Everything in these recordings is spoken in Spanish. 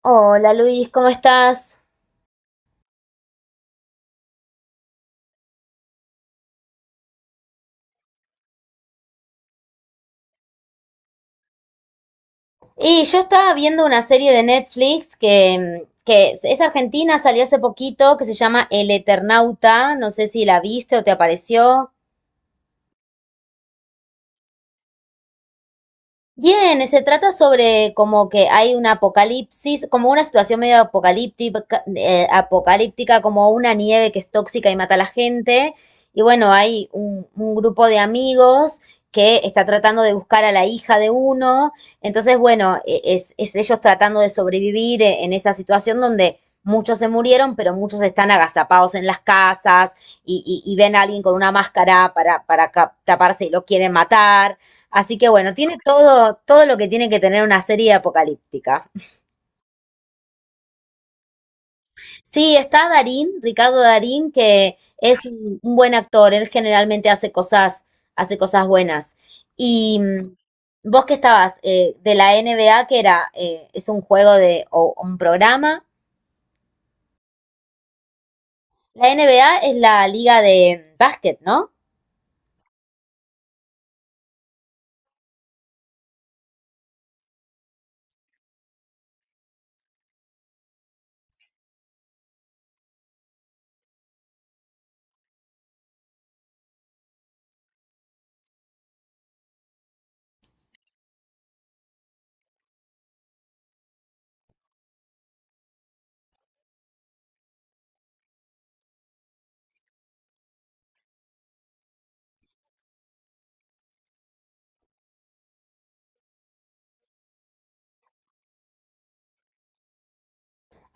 Hola Luis, ¿cómo estás? Y yo estaba viendo una serie de Netflix que es argentina, salió hace poquito, que se llama El Eternauta. No sé si la viste o te apareció. Bien, se trata sobre como que hay un apocalipsis, como una situación medio apocalíptica, como una nieve que es tóxica y mata a la gente. Y bueno, hay un grupo de amigos que está tratando de buscar a la hija de uno. Entonces, bueno, e- es ellos tratando de sobrevivir en esa situación donde muchos se murieron, pero muchos están agazapados en las casas y ven a alguien con una máscara para taparse y lo quieren matar. Así que bueno, tiene todo, todo lo que tiene que tener una serie apocalíptica. Sí, está Darín, Ricardo Darín, que es un buen actor, él generalmente hace hace cosas buenas. Y mm, vos que estabas. De la NBA, que es un juego de, o un programa. La NBA es la liga de básquet, ¿no?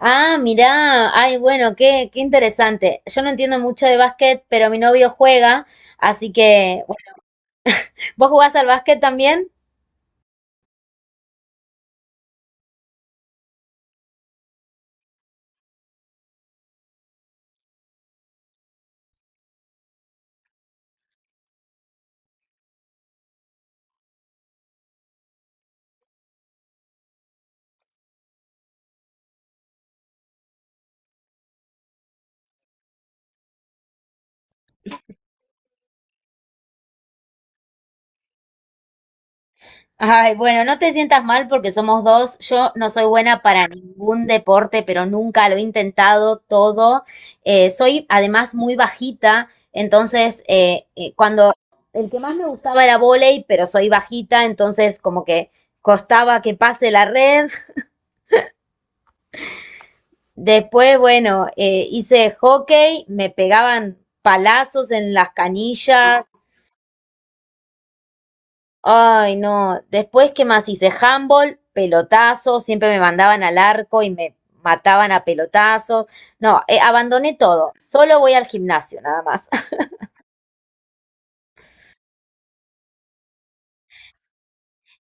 Ah, mirá, ay, bueno, qué, qué interesante. Yo no entiendo mucho de básquet, pero mi novio juega, así que, bueno, ¿vos jugás al básquet también? Ay, bueno, no te sientas mal porque somos dos. Yo no soy buena para ningún deporte, pero nunca lo he intentado todo. Soy además muy bajita, entonces cuando el que más me gustaba era vóley, pero soy bajita, entonces como que costaba que pase la red. Después, bueno, hice hockey, me pegaban palazos en las canillas. Ay, no. Después, ¿qué más hice? Handball, pelotazos, siempre me mandaban al arco y me mataban a pelotazos. No, abandoné todo. Solo voy al gimnasio, nada más.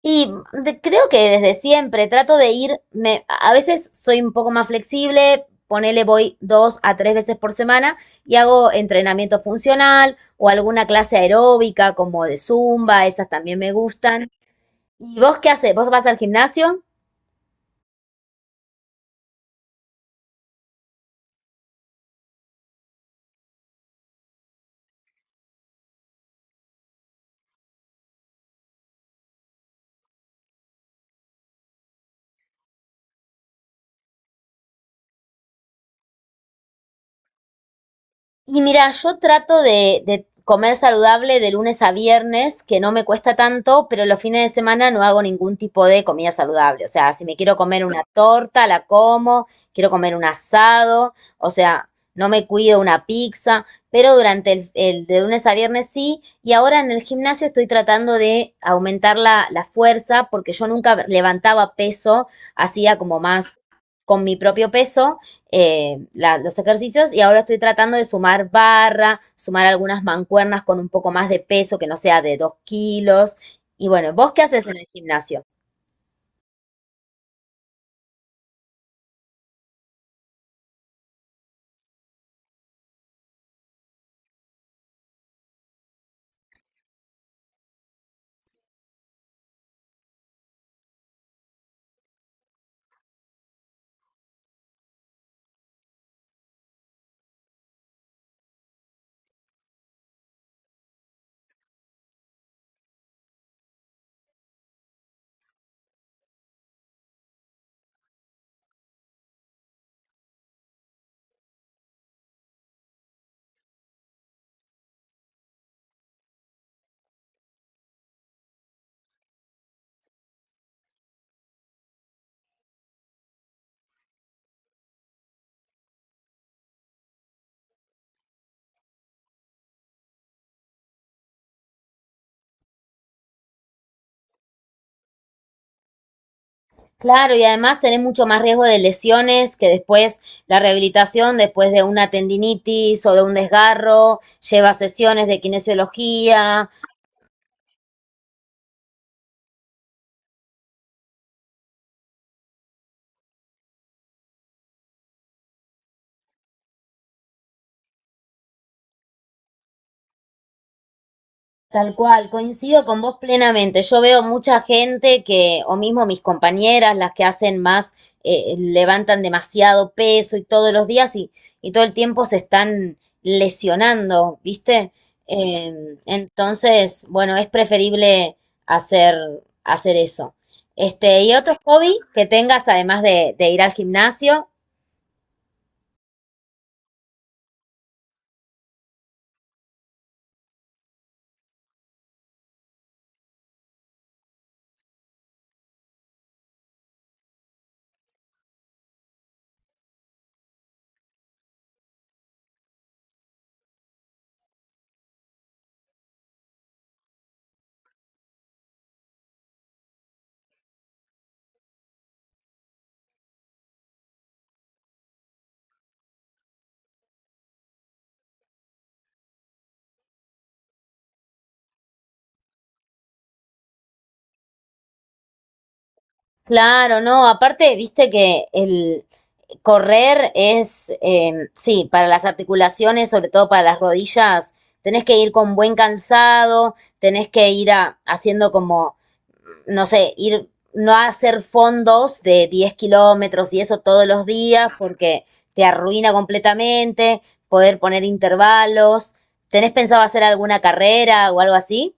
Creo que desde siempre trato de ir, me, a veces soy un poco más flexible, ponele voy dos a tres veces por semana y hago entrenamiento funcional o alguna clase aeróbica como de zumba, esas también me gustan. ¿Y vos qué haces? ¿Vos vas al gimnasio? Y mira, yo trato de comer saludable de lunes a viernes, que no me cuesta tanto, pero los fines de semana no hago ningún tipo de comida saludable. O sea, si me quiero comer una torta, la como, quiero comer un asado, o sea, no me cuido una pizza, pero durante el de lunes a viernes sí. Y ahora en el gimnasio estoy tratando de aumentar la fuerza, porque yo nunca levantaba peso, hacía como más con mi propio peso los ejercicios y ahora estoy tratando de sumar barra, sumar algunas mancuernas con un poco más de peso que no sea de dos kilos. Y bueno, ¿vos qué haces en el gimnasio? Claro, y además tenés mucho más riesgo de lesiones que después la rehabilitación, después de una tendinitis o de un desgarro, lleva sesiones de kinesiología. Tal cual, coincido con vos plenamente. Yo veo mucha gente que, o mismo mis compañeras, las que hacen más, levantan demasiado peso y todos los días y todo el tiempo se están lesionando, ¿viste? Entonces, bueno, es preferible hacer, hacer eso. Este, ¿y otro hobby que tengas además de ir al gimnasio? Claro, no, aparte, viste que el correr es, sí, para las articulaciones, sobre todo para las rodillas, tenés que ir con buen calzado, tenés que ir haciendo como, no sé, ir, no hacer fondos de 10 kilómetros y eso todos los días porque te arruina completamente, poder poner intervalos. ¿Tenés pensado hacer alguna carrera o algo así?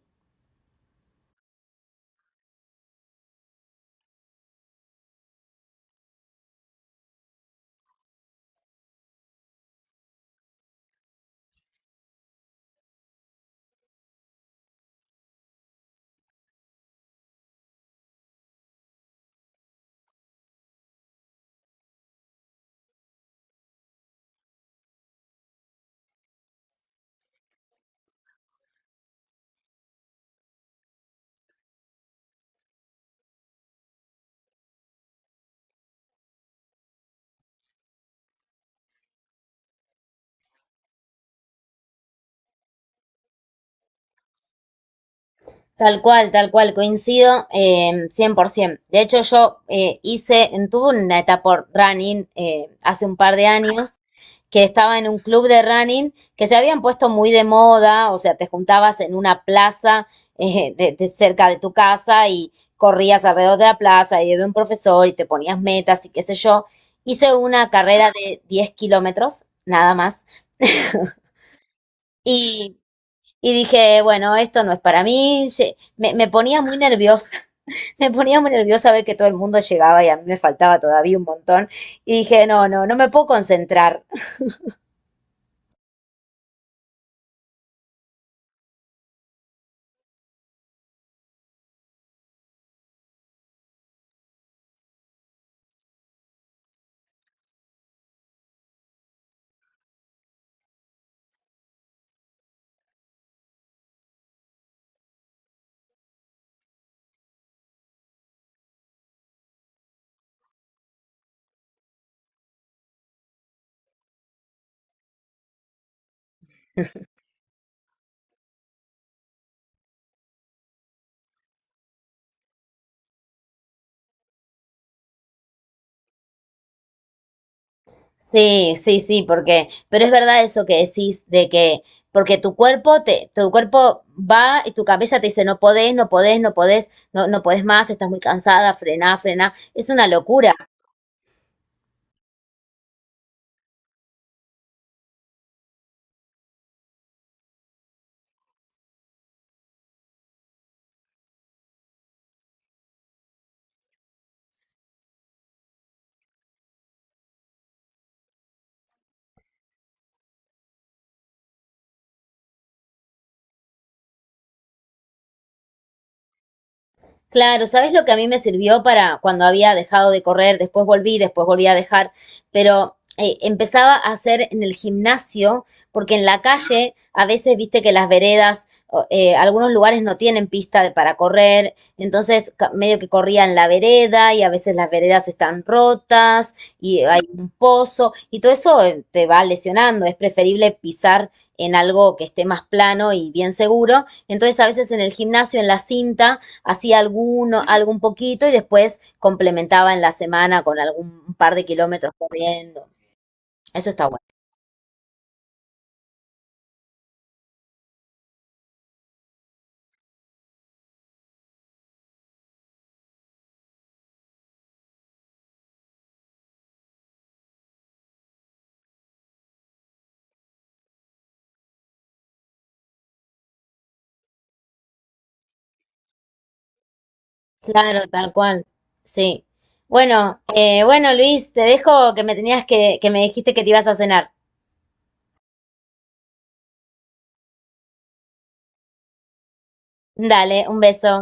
Tal cual, coincido 100%. De hecho, yo hice, tuve una etapa running hace un par de años, que estaba en un club de running que se habían puesto muy de moda, o sea, te juntabas en una plaza de cerca de tu casa y corrías alrededor de la plaza y había un profesor y te ponías metas y qué sé yo. Hice una carrera de 10 kilómetros, nada más, y, y dije, bueno, esto no es para mí. Me, me ponía muy nerviosa me ponía muy nerviosa ver que todo el mundo llegaba y a mí me faltaba todavía un montón. Y dije, no, no, no me puedo concentrar. Sí, sí, sí, porque, pero es verdad eso que decís de que, porque tu cuerpo te, tu cuerpo va y tu cabeza te dice, no podés, no podés, no podés, no, no podés más, estás muy cansada, frená, frená. Es una locura. Claro, ¿sabes lo que a mí me sirvió para cuando había dejado de correr? Después volví a dejar, pero empezaba a hacer en el gimnasio, porque en la calle a veces viste que las veredas, o, algunos lugares no tienen pista para correr, entonces medio que corría en la vereda y a veces las veredas están rotas y hay un pozo y todo eso te va lesionando, es preferible pisar en algo que esté más plano y bien seguro, entonces a veces en el gimnasio, en la cinta, hacía algún poquito y después complementaba en la semana con algún par de kilómetros corriendo. Eso está bueno. Claro, tal cual. Sí. Bueno, bueno, Luis, te dejo que me tenías que me dijiste que te ibas a cenar. Dale, un beso.